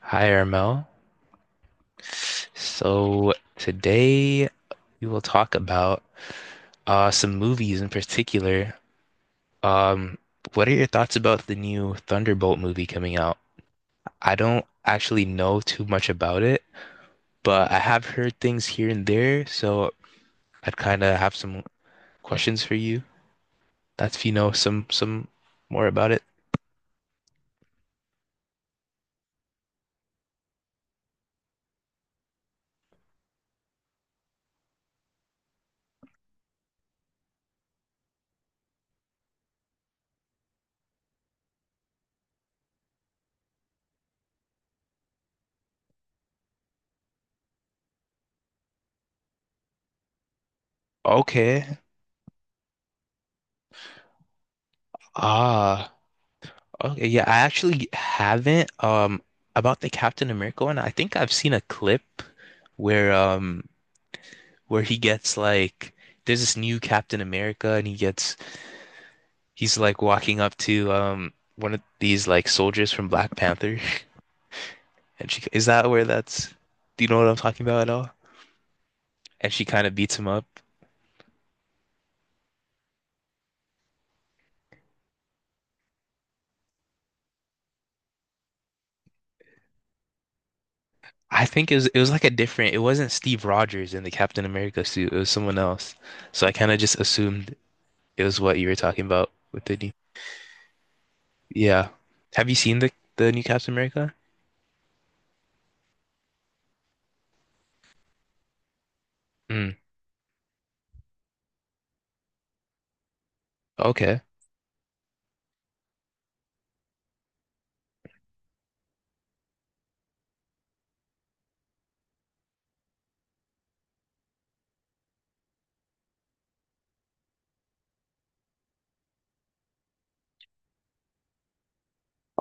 Hi, Ermo. So today we will talk about some movies in particular. Um, what are your thoughts about the new Thunderbolt movie coming out? I don't actually know too much about it, but I have heard things here and there, so I'd kind of have some questions for you. That's if you know some more about it. Okay. Ah. Okay, yeah, I actually haven't. About the Captain America one, I think I've seen a clip where um where he gets like there's this new Captain America and he's like walking up to one of these like soldiers from Black Panther and she is that where that's do you know what I'm talking about at all? And she kind of beats him up. I think it was like a different it wasn't Steve Rogers in the Captain America suit, it was someone else. So I kind of just assumed it was what you were talking about with the Yeah. Have you seen the new Captain America? Mm. Okay.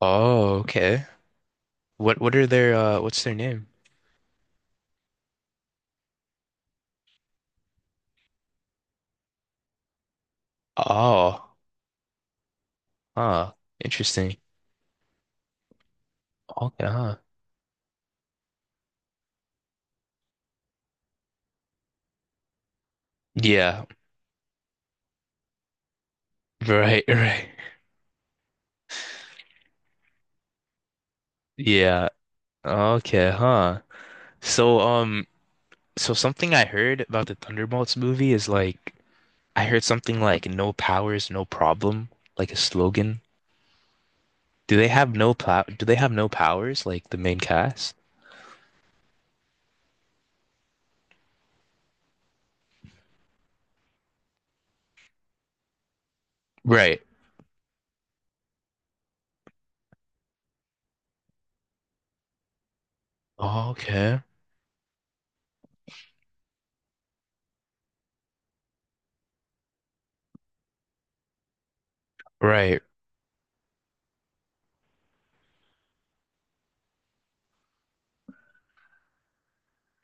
Oh, okay. What are their what's their name? Oh. Huh. Interesting. Okay, huh. Yeah. Right, right. Yeah. Okay, huh. So so something I heard about the Thunderbolts movie is like I heard something like no powers, no problem, like a slogan. Do they have no powers like the main cast? Right. Okay. Right,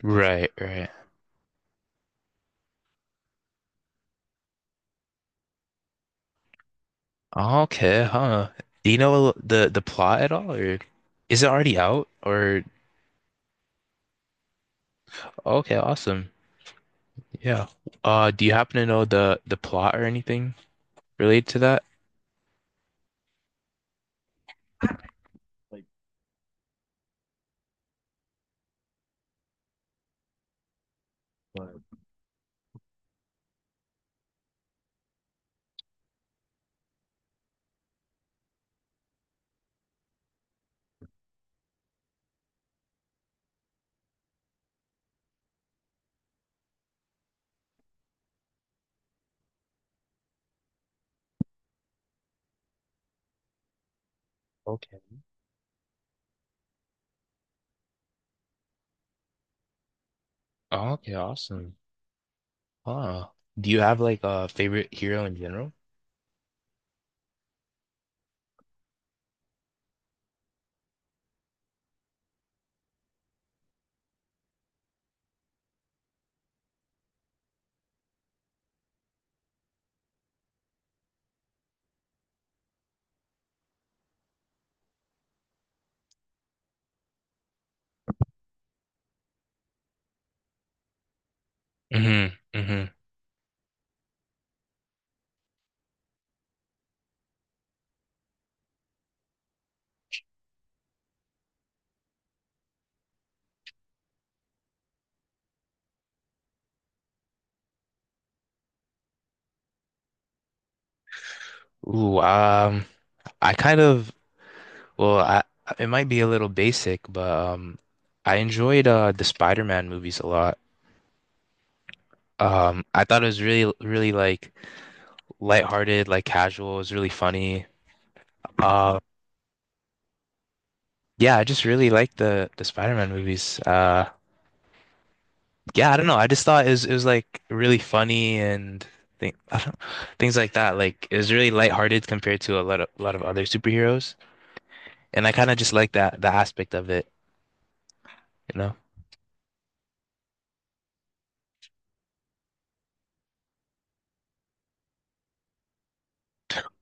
right, right. Okay, huh. Do you know the plot at all, or is it already out? Or okay, awesome. Yeah. Do you happen to know the plot or anything related to that? Like, but Okay. Okay, awesome. Huh. Do you have like a favorite hero in general? Hmm hmm. Ooh, I kind of well, I it might be a little basic, but I enjoyed the Spider-Man movies a lot. I thought it was really, really like lighthearted, like casual. It was really funny. Uh, yeah, I just really liked the Spider-Man movies. Yeah, I don't know. I just thought it was like really funny and thing, I don't, things like that. Like it was really lighthearted compared to a lot of other superheroes, and I kind of just like that the aspect of it, you know?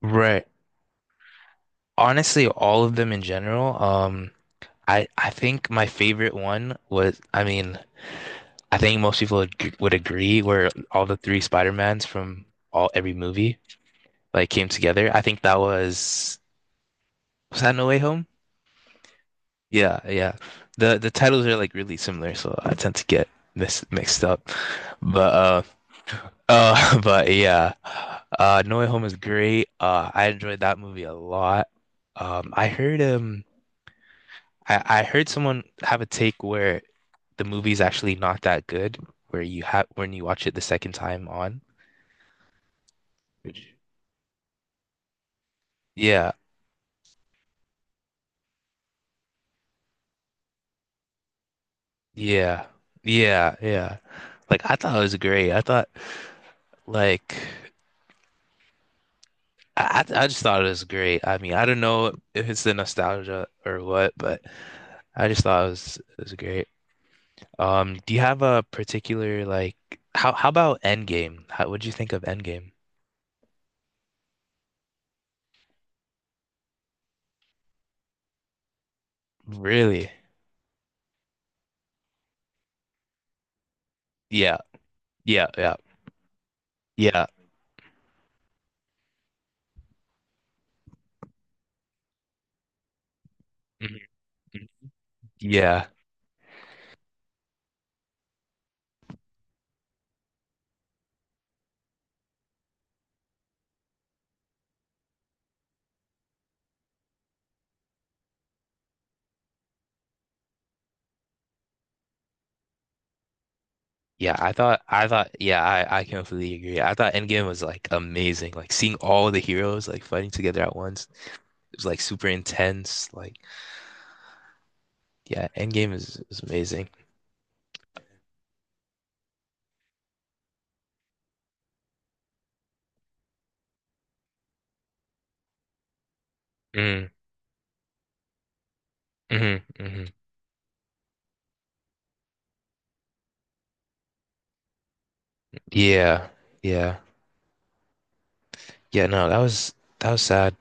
Right. Honestly, all of them in general. I think my favorite one was, I mean, I think most people would agree were all the three Spider-Mans from all every movie. Like came together. I think that was that No Way Home? Yeah, yeah. The titles are like really similar, so I tend to get mis mixed up. But uh but yeah. Uh, No Way Home is great. Uh, I enjoyed that movie a lot. I heard I heard someone have a take where the movie's actually not that good where you have when you watch it the second time on. Which yeah. Yeah. Yeah. Yeah. Like I thought it was great. I thought like I just thought it was great. I mean, I don't know if it's the nostalgia or what, but I just thought it was great. Do you have a particular like how about Endgame? How what'd you think of Endgame? Really? Yeah. Yeah. Yeah. Yeah. Mhm. Mhm. Yeah. Yeah, I thought yeah, I completely agree. I thought Endgame was like amazing. Like seeing all the heroes like fighting together at once. It was like super intense. Like, yeah, Endgame is amazing. Mm, hmm hmm. Yeah, yeah, yeah. No, that was sad.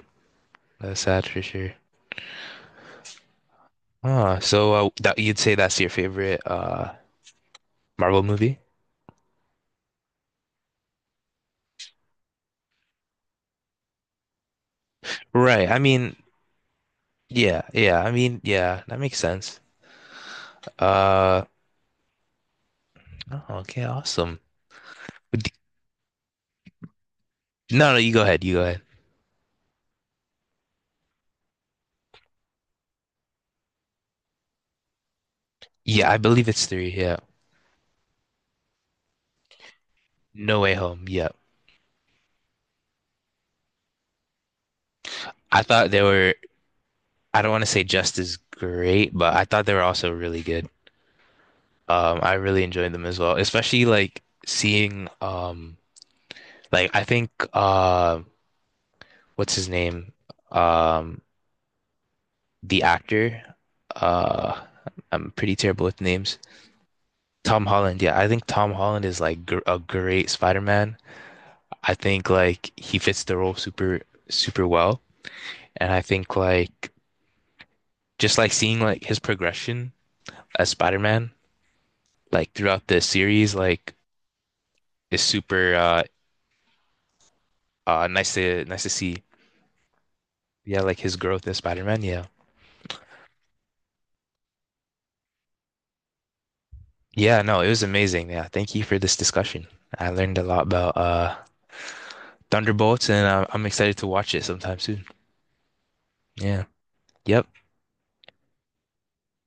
That was sad for sure. Ah, so that you'd say that's your favorite Marvel movie? Right. I mean, yeah, yeah. I mean, yeah. That makes sense. Uh, oh, okay, awesome. But d- No, no, you go ahead. You go ahead. Yeah, I believe it's three. Yeah. No Way Home. Yeah. I thought they were. I don't want to say just as great, but I thought they were also really good. I really enjoyed them as well, especially like seeing like I think what's his name? Um the actor. Uh I'm pretty terrible with names. Tom Holland, yeah, I think Tom Holland is like gr a great Spider-Man. I think like he fits the role super super well, and I think like just like seeing like his progression as Spider-Man like throughout the series like is super uh nice to nice to see. Yeah, like his growth in Spider-Man. Yeah. Yeah, no, it was amazing. Yeah, thank you for this discussion. I learned a lot about Thunderbolts and I'm excited to watch it sometime soon. Yeah. Yep.